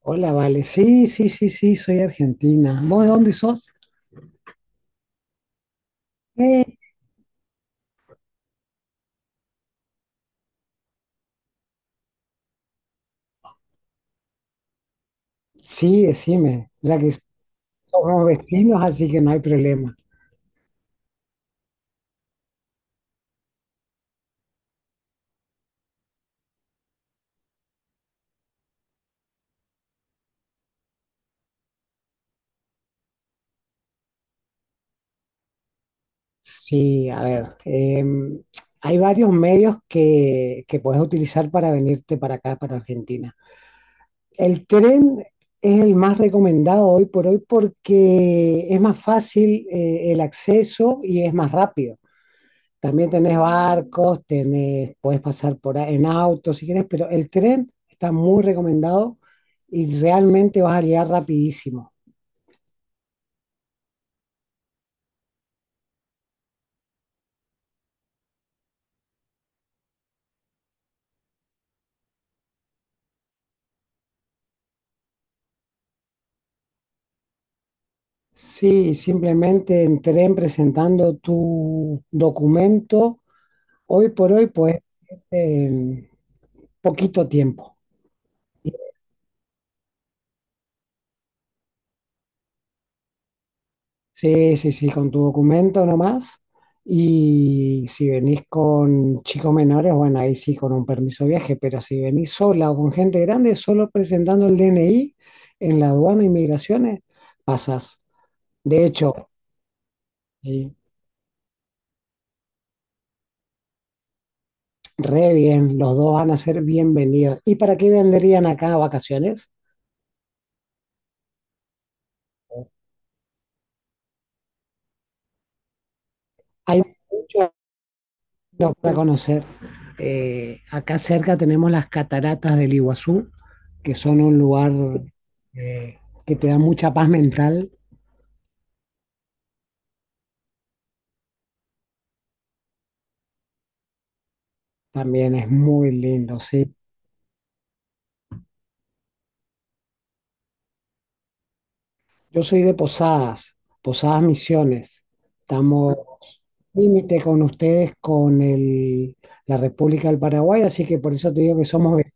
Hola, vale. Sí, sí, sí, sí, soy argentina. ¿Vos de dónde sos? Eh, sí, decime, ya que somos vecinos, así que no hay problema. Sí, a ver, hay varios medios que puedes utilizar para venirte para acá, para Argentina. El tren es el más recomendado hoy por hoy porque es más fácil, el acceso y es más rápido. También tenés barcos, tenés, podés pasar en auto si querés, pero el tren está muy recomendado y realmente vas a llegar rapidísimo. Sí, simplemente en tren presentando tu documento, hoy por hoy podés irte en poquito tiempo. Sí, sí, sí, con tu documento nomás. Y si venís con chicos menores, bueno, ahí sí, con un permiso de viaje, pero si venís sola o con gente grande, solo presentando el DNI en la aduana de inmigraciones, pasas. De hecho, sí, re bien, los dos van a ser bienvenidos. ¿Y para qué vendrían acá a vacaciones? Hay mucho para conocer. Acá cerca tenemos las cataratas del Iguazú que son un lugar eh, que te da mucha paz mental, también es muy lindo, sí. Yo soy de Posadas, Posadas Misiones. Estamos límite con ustedes, con la República del Paraguay, así que por eso te digo que somos, ve-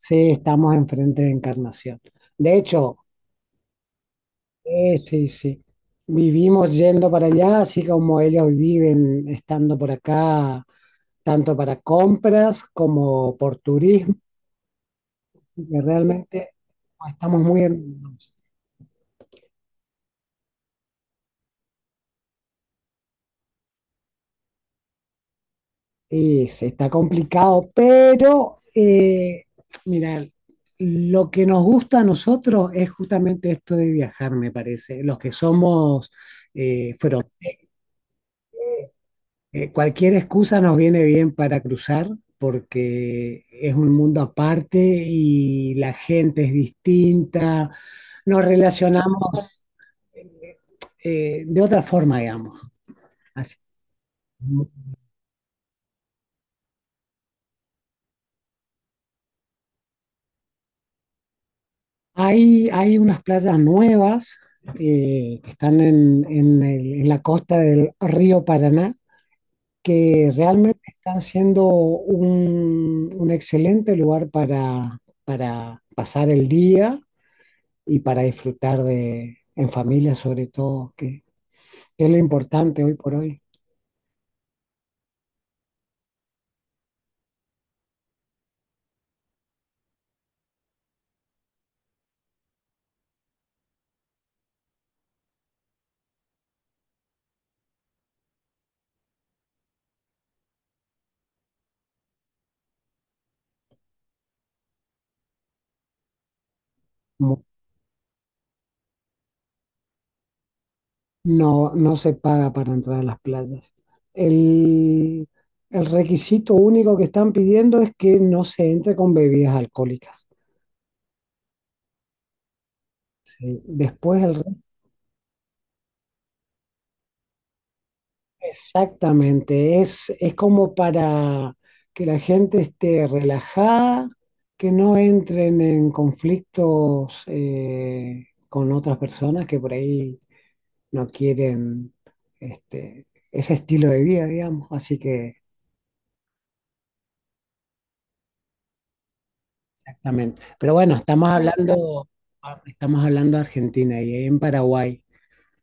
sí, estamos enfrente de Encarnación. De hecho, sí, sí, vivimos yendo para allá, así como ellos viven estando por acá, tanto para compras como por turismo. Así que realmente no estamos muy hermanos. Y se está complicado, pero mira, lo que nos gusta a nosotros es justamente esto de viajar, me parece. Los que somos fron- cualquier excusa nos viene bien para cruzar porque es un mundo aparte y la gente es distinta, nos relacionamos eh, de otra forma, digamos. Así. Hay unas playas nuevas que están en, en la costa del río Paraná, que realmente están siendo un excelente lugar para pasar el día y para disfrutar de, en familia sobre todo, que es lo importante hoy por hoy. Mu- no, no se paga para entrar a las playas. El, el requisito único que están pidiendo es que no se entre con bebidas alcohólicas. Sí, después el resto, exactamente, es como para que la gente esté relajada, que no entren en conflictos con otras personas que por ahí no quieren este, ese estilo de vida, digamos. Así que, exactamente. Pero bueno, estamos claro, hablando, estamos hablando de Argentina y en Paraguay.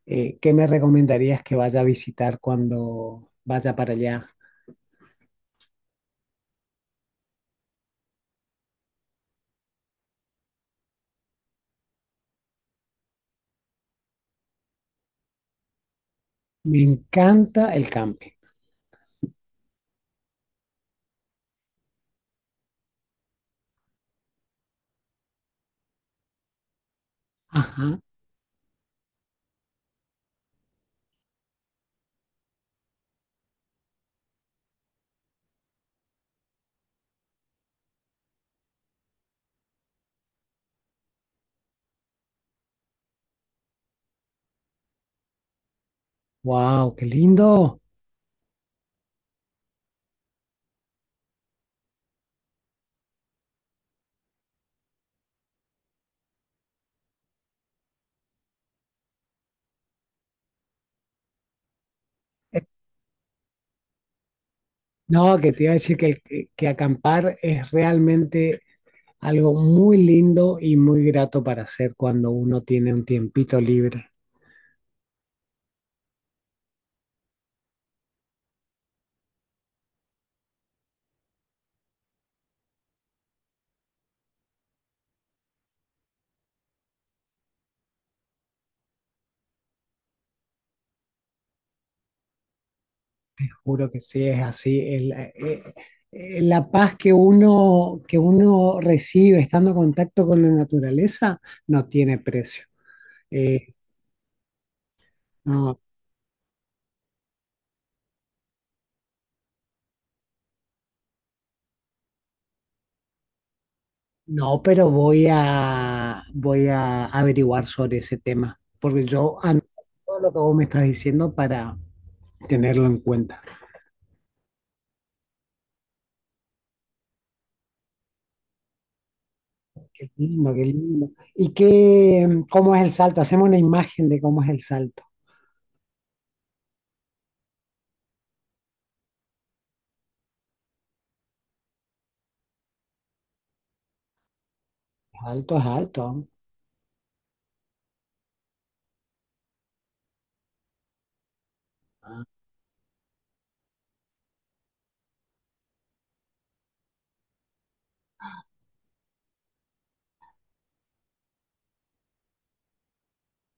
¿Qué me recomendarías que vaya a visitar cuando vaya para allá? Me encanta el camping. Ajá. Wow, qué lindo. Eh, No, que te iba a decir que, el- que acampar es realmente algo muy lindo y muy grato para hacer cuando uno tiene un tiempito libre. Juro que sí, es así. El, la paz que uno recibe estando en contacto con la naturaleza no tiene precio. Eh, no, no, pero voy a, voy a averiguar sobre ese tema, porque yo anoto todo lo que vos me estás diciendo para tenerlo en cuenta. Qué lindo, qué lindo. ¿Y qué, cómo es el salto? Hacemos una imagen de cómo es el salto. Alto es alto.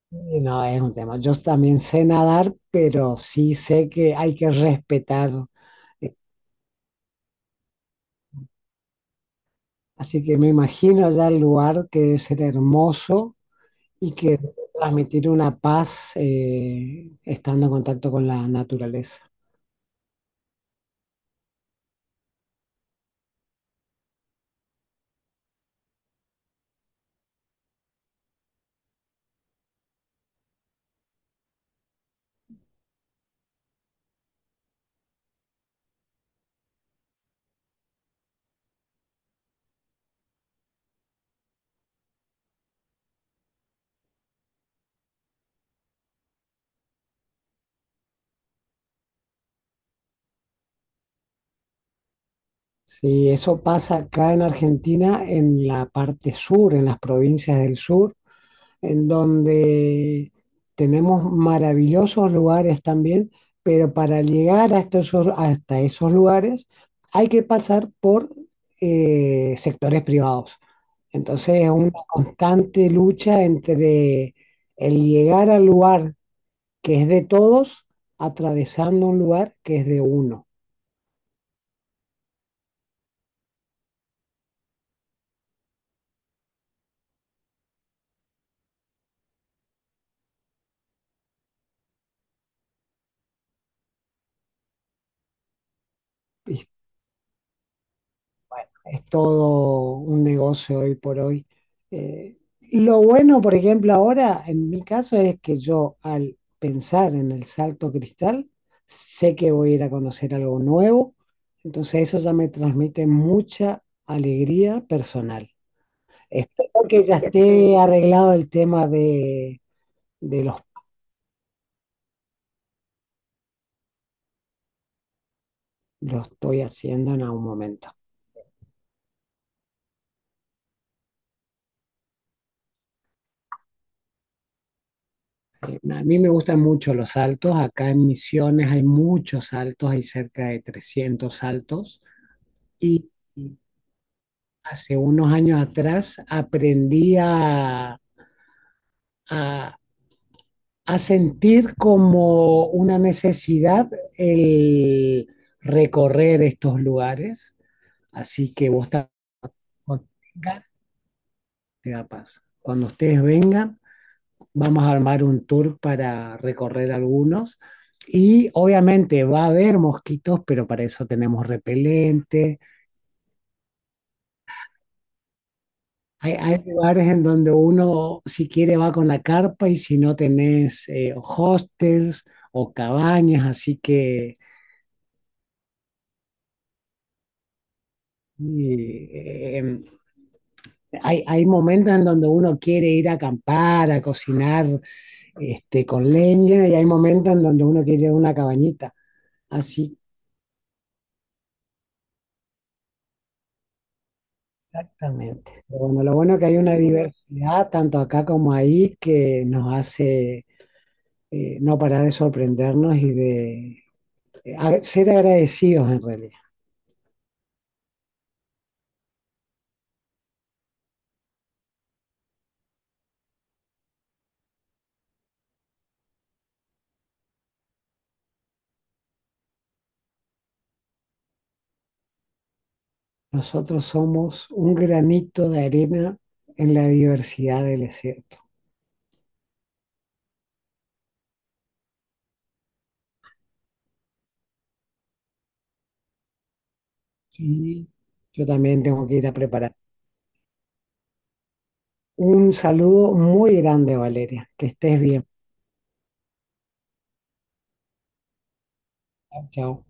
Y no, es un tema. Yo también sé nadar, pero sí sé que hay que respetar. eh, Así que me imagino ya el lugar que debe ser hermoso y que debe transmitir una paz estando en contacto con la naturaleza. Sí, eso pasa acá en Argentina, en la parte sur, en las provincias del sur en donde tenemos maravillosos lugares también, pero para llegar hasta esos lugares hay que pasar por sectores privados. Entonces es una constante lucha entre el llegar al lugar que es de todos, atravesando un lugar que es de uno. Y es todo un negocio hoy por hoy. Lo bueno, por ejemplo, ahora en mi caso es que yo al pensar en el salto cristal, sé que voy a ir a conocer algo nuevo, entonces eso ya me transmite mucha alegría personal. Espero que ya esté arreglado el tema de los, lo estoy haciendo en algún momento. A mí me gustan mucho los saltos, acá en Misiones hay muchos saltos, hay cerca de 300 saltos y hace unos años atrás aprendí a, a sentir como una necesidad el recorrer estos lugares. Así que vos vengan, te da paz. Cuando ustedes vengan, vamos a armar un tour para recorrer algunos. Y obviamente va a haber mosquitos, pero para eso tenemos repelente. Hay lugares en donde uno, si quiere, va con la carpa y si no tenés hostels o cabañas, así que eh, em, hay, hay momentos en donde uno quiere ir a acampar, a cocinar este, con leña y hay momentos en donde uno quiere una cabañita. Así exactamente. Pero bueno, lo bueno es que hay una diversidad tanto acá como ahí que nos hace no parar de sorprendernos y de a- ser agradecidos en realidad. Nosotros somos un granito de arena en la diversidad del desierto. Sí. Yo también tengo que ir a preparar. Un saludo muy grande, Valeria. Que estés bien. Chao, chao.